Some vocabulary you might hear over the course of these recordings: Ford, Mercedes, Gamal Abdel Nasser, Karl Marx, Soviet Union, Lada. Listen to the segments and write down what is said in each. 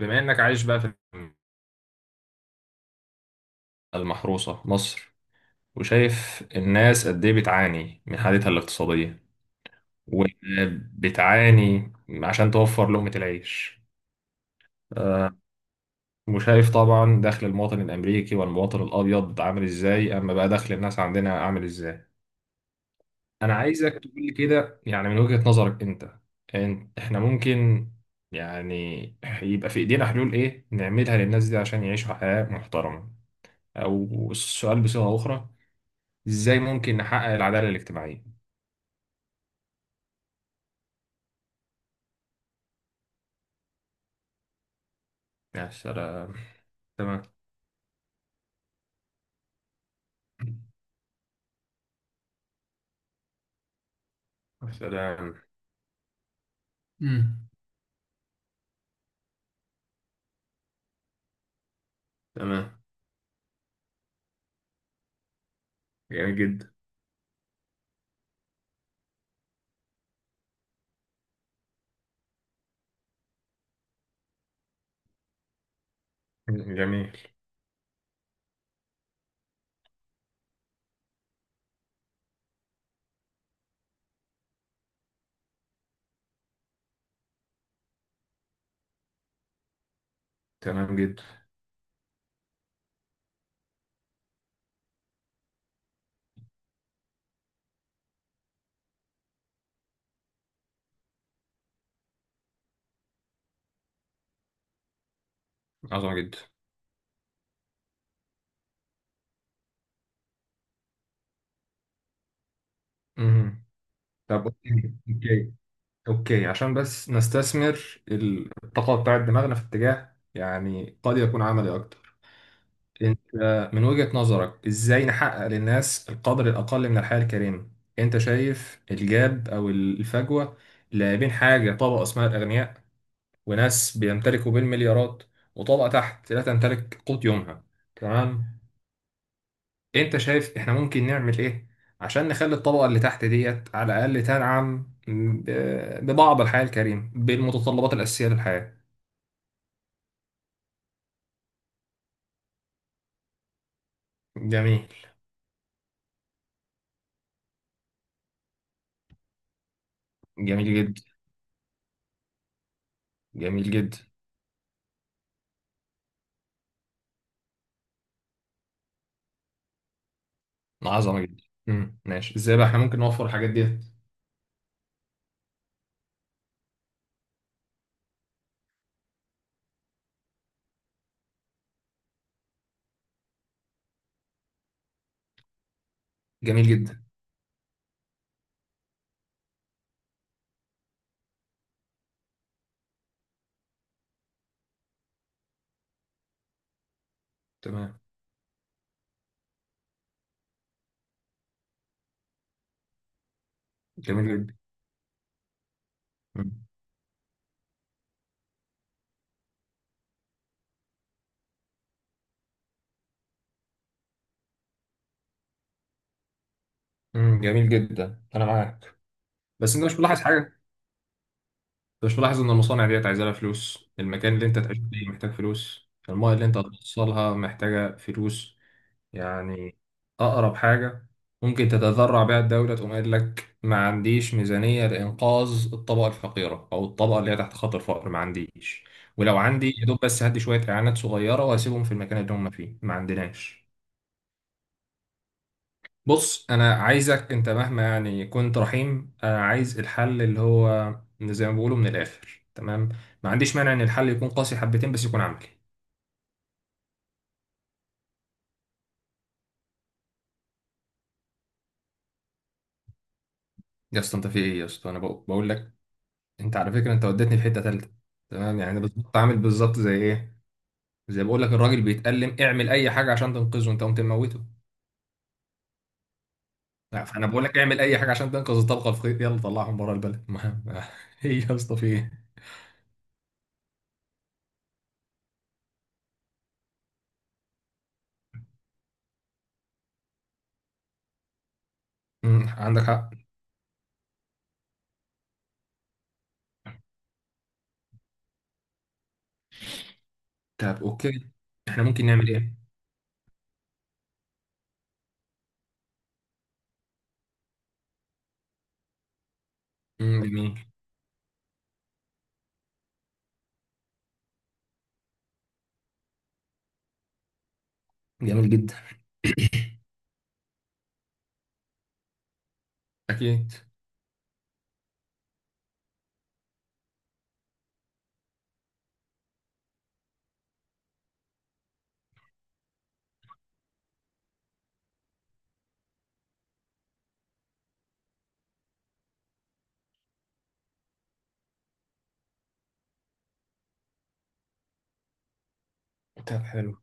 بما انك عايش بقى في المحروسة مصر، وشايف الناس قد ايه بتعاني من حالتها الاقتصادية، وبتعاني عشان توفر لقمة العيش، آه، وشايف طبعا دخل المواطن الامريكي والمواطن الابيض عامل ازاي، اما بقى دخل الناس عندنا عامل ازاي. انا عايزك تقول لي كده، يعني من وجهة نظرك انت احنا ممكن يعني يبقى في ايدينا حلول ايه نعملها للناس دي عشان يعيشوا حياة محترمة، او السؤال بصيغة اخرى، ازاي ممكن نحقق العدالة الاجتماعية؟ يا سلام. تمام. يا سلام. امم تمام. جميل جدا. جميل. تمام جدا. عظمة جدا. مهم. طب اوكي، اوكي، اوكي، عشان بس نستثمر الطاقة بتاعت دماغنا في اتجاه يعني قد يكون عملي أكتر. أنت من وجهة نظرك إزاي نحقق للناس القدر الأقل من الحياة الكريمة؟ أنت شايف الجاب أو الفجوة اللي بين حاجة طبقة اسمها الأغنياء، وناس بيمتلكوا بالمليارات، وطبقة تحت لا تمتلك قوت يومها. تمام. انت شايف احنا ممكن نعمل ايه عشان نخلي الطبقة اللي تحت ديت على الأقل تنعم ببعض الحياة الكريمة، بالمتطلبات الأساسية للحياة. جميل. جميل جدا. جميل جدا. عظمة جدا. ماشي، ازاي بقى احنا ممكن نوفر الحاجات ديت؟ جميل جدا. تمام. جميل جدا. جميل جدا، انا معاك. بس انت مش ملاحظ حاجة؟ انت مش ملاحظ ان المصانع ديت عايزه لها فلوس، المكان اللي انت تعيش فيه محتاج فلوس، المايه اللي انت هتوصلها محتاجه فلوس؟ يعني اقرب حاجه ممكن تتذرع بيها الدوله تقوم قايل لك: ما عنديش ميزانيه لانقاذ الطبقه الفقيره او الطبقه اللي هي تحت خط الفقر، ما عنديش. ولو عندي يا دوب بس هدي شويه اعانات صغيره واسيبهم في المكان اللي هم فيه، ما عندناش. بص، انا عايزك انت مهما يعني كنت رحيم، انا عايز الحل اللي هو زي ما بيقولوا من الاخر. تمام، ما عنديش مانع ان الحل يكون قاسي حبتين بس يكون عملي. يا اسطى انت في ايه؟ يا اسطى انا بقول لك، انت على فكره انت وديتني في حته ثالثه. تمام، يعني انا بالظبط عامل بالظبط زي ايه؟ زي بقول لك الراجل بيتألم، اعمل اي حاجه عشان تنقذه، انت قمت مموته. لا، فانا بقول لك اعمل اي حاجه عشان تنقذ الطبقه الفقيره، يلا طلعهم بره البلد ايه يا اسطى في ايه؟ مم، عندك حق. طب اوكي، احنا ممكن نعمل ايه؟ مم، جميل. جميل جدا. أكيد. طب حلو.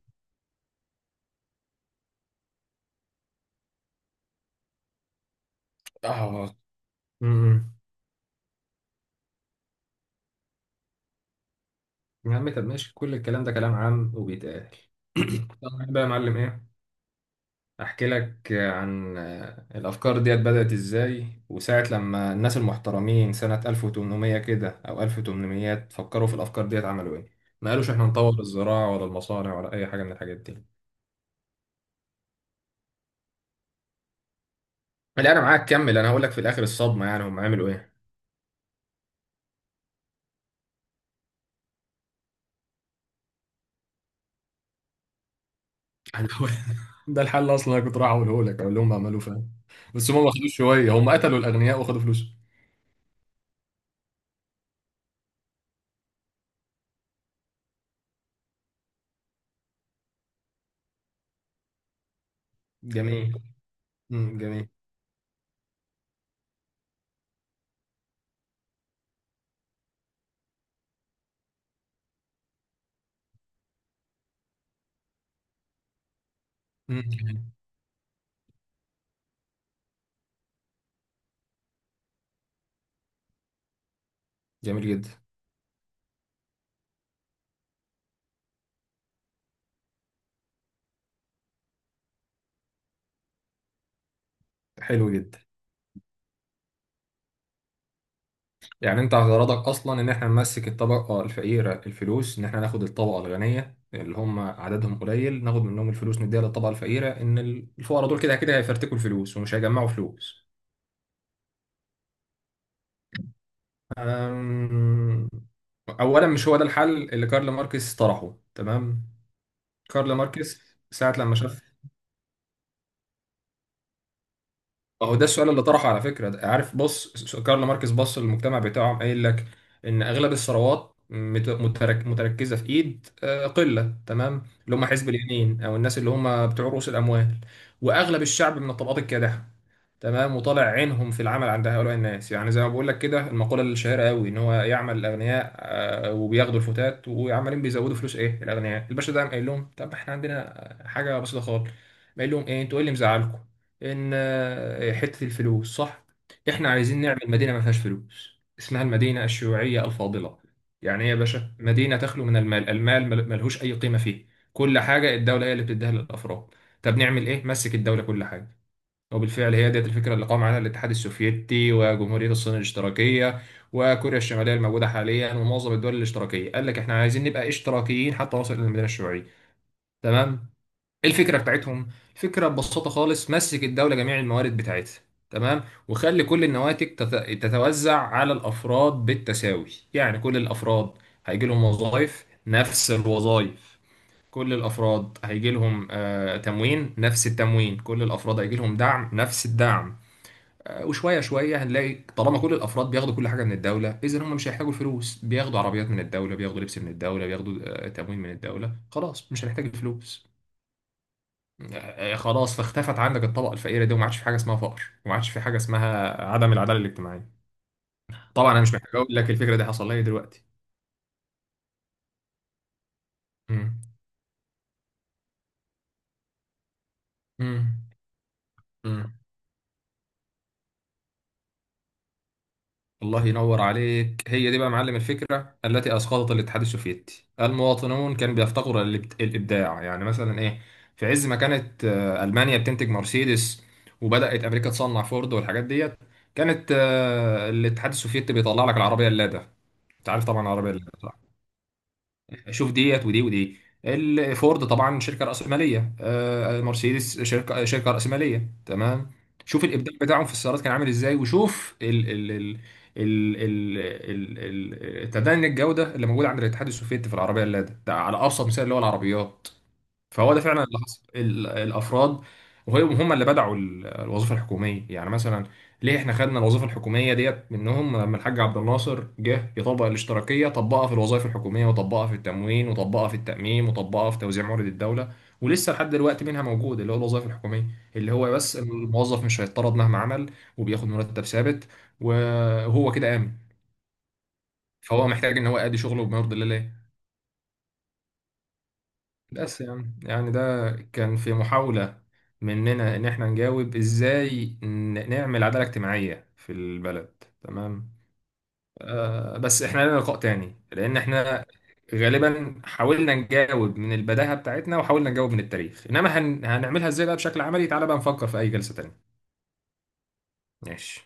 آه. أمم. يا عم طب ماشي، كل الكلام ده كلام عام وبيتقال. طب بقى يا معلم، إيه أحكي لك عن الأفكار ديت بدأت إزاي؟ وساعة لما الناس المحترمين سنة 1800 كده أو 1800 فكروا في الأفكار ديت، عملوا إيه؟ ما قالوش إحنا نطور الزراعة ولا المصانع ولا أي حاجة من الحاجات دي. لا، أنا معاك، كمل. أنا هقول لك في الآخر الصدمة يعني هم عملوا إيه. هنحاول- ده الحل اصلا، انا كنت رايح اقوله لك، اقول لهم اعملوا، فاهم؟ بس هم ما خدوش شويه، هم قتلوا الاغنياء وخدوا فلوسهم. جميل. امم، جميل. امم، جميل. جميل جدا. حلو جدا. يعني انت غرضك اصلا ان احنا نمسك الطبقه الفقيره الفلوس، ان احنا ناخد الطبقه الغنيه اللي هم عددهم قليل ناخد منهم الفلوس نديها للطبقه الفقيره، ان الفقراء دول كده كده هيفرتكوا الفلوس ومش هيجمعوا فلوس. أم... اولا مش هو ده الحل اللي كارل ماركس طرحه. تمام، كارل ماركس ساعة لما شاف اهو ده السؤال اللي طرحه على فكره. عارف، بص، كارل ماركس بص للمجتمع بتاعهم، قايل لك ان اغلب الثروات متركزه في ايد قله، تمام، اللي هم حزب اليمين او الناس اللي هم بتوع رؤوس الاموال، واغلب الشعب من الطبقات الكادحه. تمام، وطالع عينهم في العمل عند هؤلاء الناس، يعني زي ما بقول لك كده المقوله الشهيره قوي ان هو يعمل الاغنياء وبياخدوا الفتات وعمالين بيزودوا فلوس ايه الاغنياء. الباشا ده قام قايل لهم: طب احنا عندنا حاجه بسيطه خالص، قايل لهم ايه؟ انتوا ايه اللي مزعلكم؟ ان حته الفلوس، صح؟ احنا عايزين نعمل مدينه ما فيهاش فلوس، اسمها المدينه الشيوعيه الفاضله. يعني ايه يا باشا مدينه تخلو من المال؟ المال ملهوش اي قيمه فيه، كل حاجه الدوله هي اللي بتديها للافراد. طب نعمل ايه؟ مسك الدوله كل حاجه. وبالفعل هي ديت الفكره اللي قام عليها الاتحاد السوفيتي وجمهوريه الصين الاشتراكيه وكوريا الشماليه الموجوده حاليا ومعظم الدول الاشتراكيه. قال لك احنا عايزين نبقى اشتراكيين حتى نوصل للمدينه الشيوعيه. تمام. ايه الفكره بتاعتهم؟ الفكره ببساطه خالص مسك الدوله جميع الموارد بتاعتها، تمام، وخلي كل النواتج تتوزع على الافراد بالتساوي. يعني كل الافراد هيجي لهم وظائف نفس الوظائف، كل الافراد هيجي لهم تموين نفس التموين، كل الافراد هيجي لهم دعم نفس الدعم. وشويه شويه هنلاقي طالما كل الافراد بياخدوا كل حاجه من الدوله، اذا هم مش هيحتاجوا الفلوس. بياخدوا عربيات من الدوله، بياخدوا لبس من الدوله، بياخدوا تموين من الدوله، خلاص مش هنحتاج الفلوس. خلاص فاختفت عندك الطبقه الفقيره دي، وما عادش في حاجه اسمها فقر، وما عادش في حاجه اسمها عدم العداله الاجتماعيه. طبعا انا مش محتاج اقول لك الفكره دي حصل لي دلوقتي. امم. امم. امم. الله ينور عليك، هي دي بقى معلم الفكره التي اسقطت الاتحاد السوفيتي. المواطنون كانوا بيفتقروا الابداع. يعني مثلا ايه؟ في عز ما كانت المانيا بتنتج مرسيدس، وبدات امريكا تصنع فورد والحاجات ديت، كانت الاتحاد السوفيتي بيطلع لك العربيه اللادا. انت عارف طبعا العربيه اللادا. شوف ديت ودي ودي، الفورد طبعا شركه راسماليه، مرسيدس شركه راسماليه، تمام. شوف الابداع بتاعهم في السيارات كان عامل ازاي، وشوف ال ال تدني الجوده اللي موجوده عند الاتحاد السوفيتي في العربيه اللادا ده على ابسط مثال اللي هو العربيات. فهو ده فعلا اللي حصل، الافراد وهم هم اللي بدعوا الوظيفه الحكوميه. يعني مثلا ليه احنا خدنا الوظيفه الحكوميه ديت منهم؟ لما الحاج عبد الناصر جه يطبق الاشتراكيه طبقها في الوظائف الحكوميه، وطبقها في التموين، وطبقها في التامين، وطبقها في توزيع موارد الدوله. ولسه لحد دلوقتي منها موجود، اللي هو الوظائف الحكوميه، اللي هو بس الموظف مش هيتطرد مهما عمل، وبياخد مرتب ثابت، وهو كده امن. فهو محتاج ان هو يأدي شغله بما يرضي الله. بس يعني ده كان في محاولة مننا إن إحنا نجاوب إزاي نعمل عدالة اجتماعية في البلد، تمام. آه بس إحنا لنا لقاء تاني، لأن إحنا غالبا حاولنا نجاوب من البداهة بتاعتنا، وحاولنا نجاوب من التاريخ، إنما هنعملها إزاي بقى بشكل عملي؟ تعالى بقى نفكر في أي جلسة تانية. ماشي.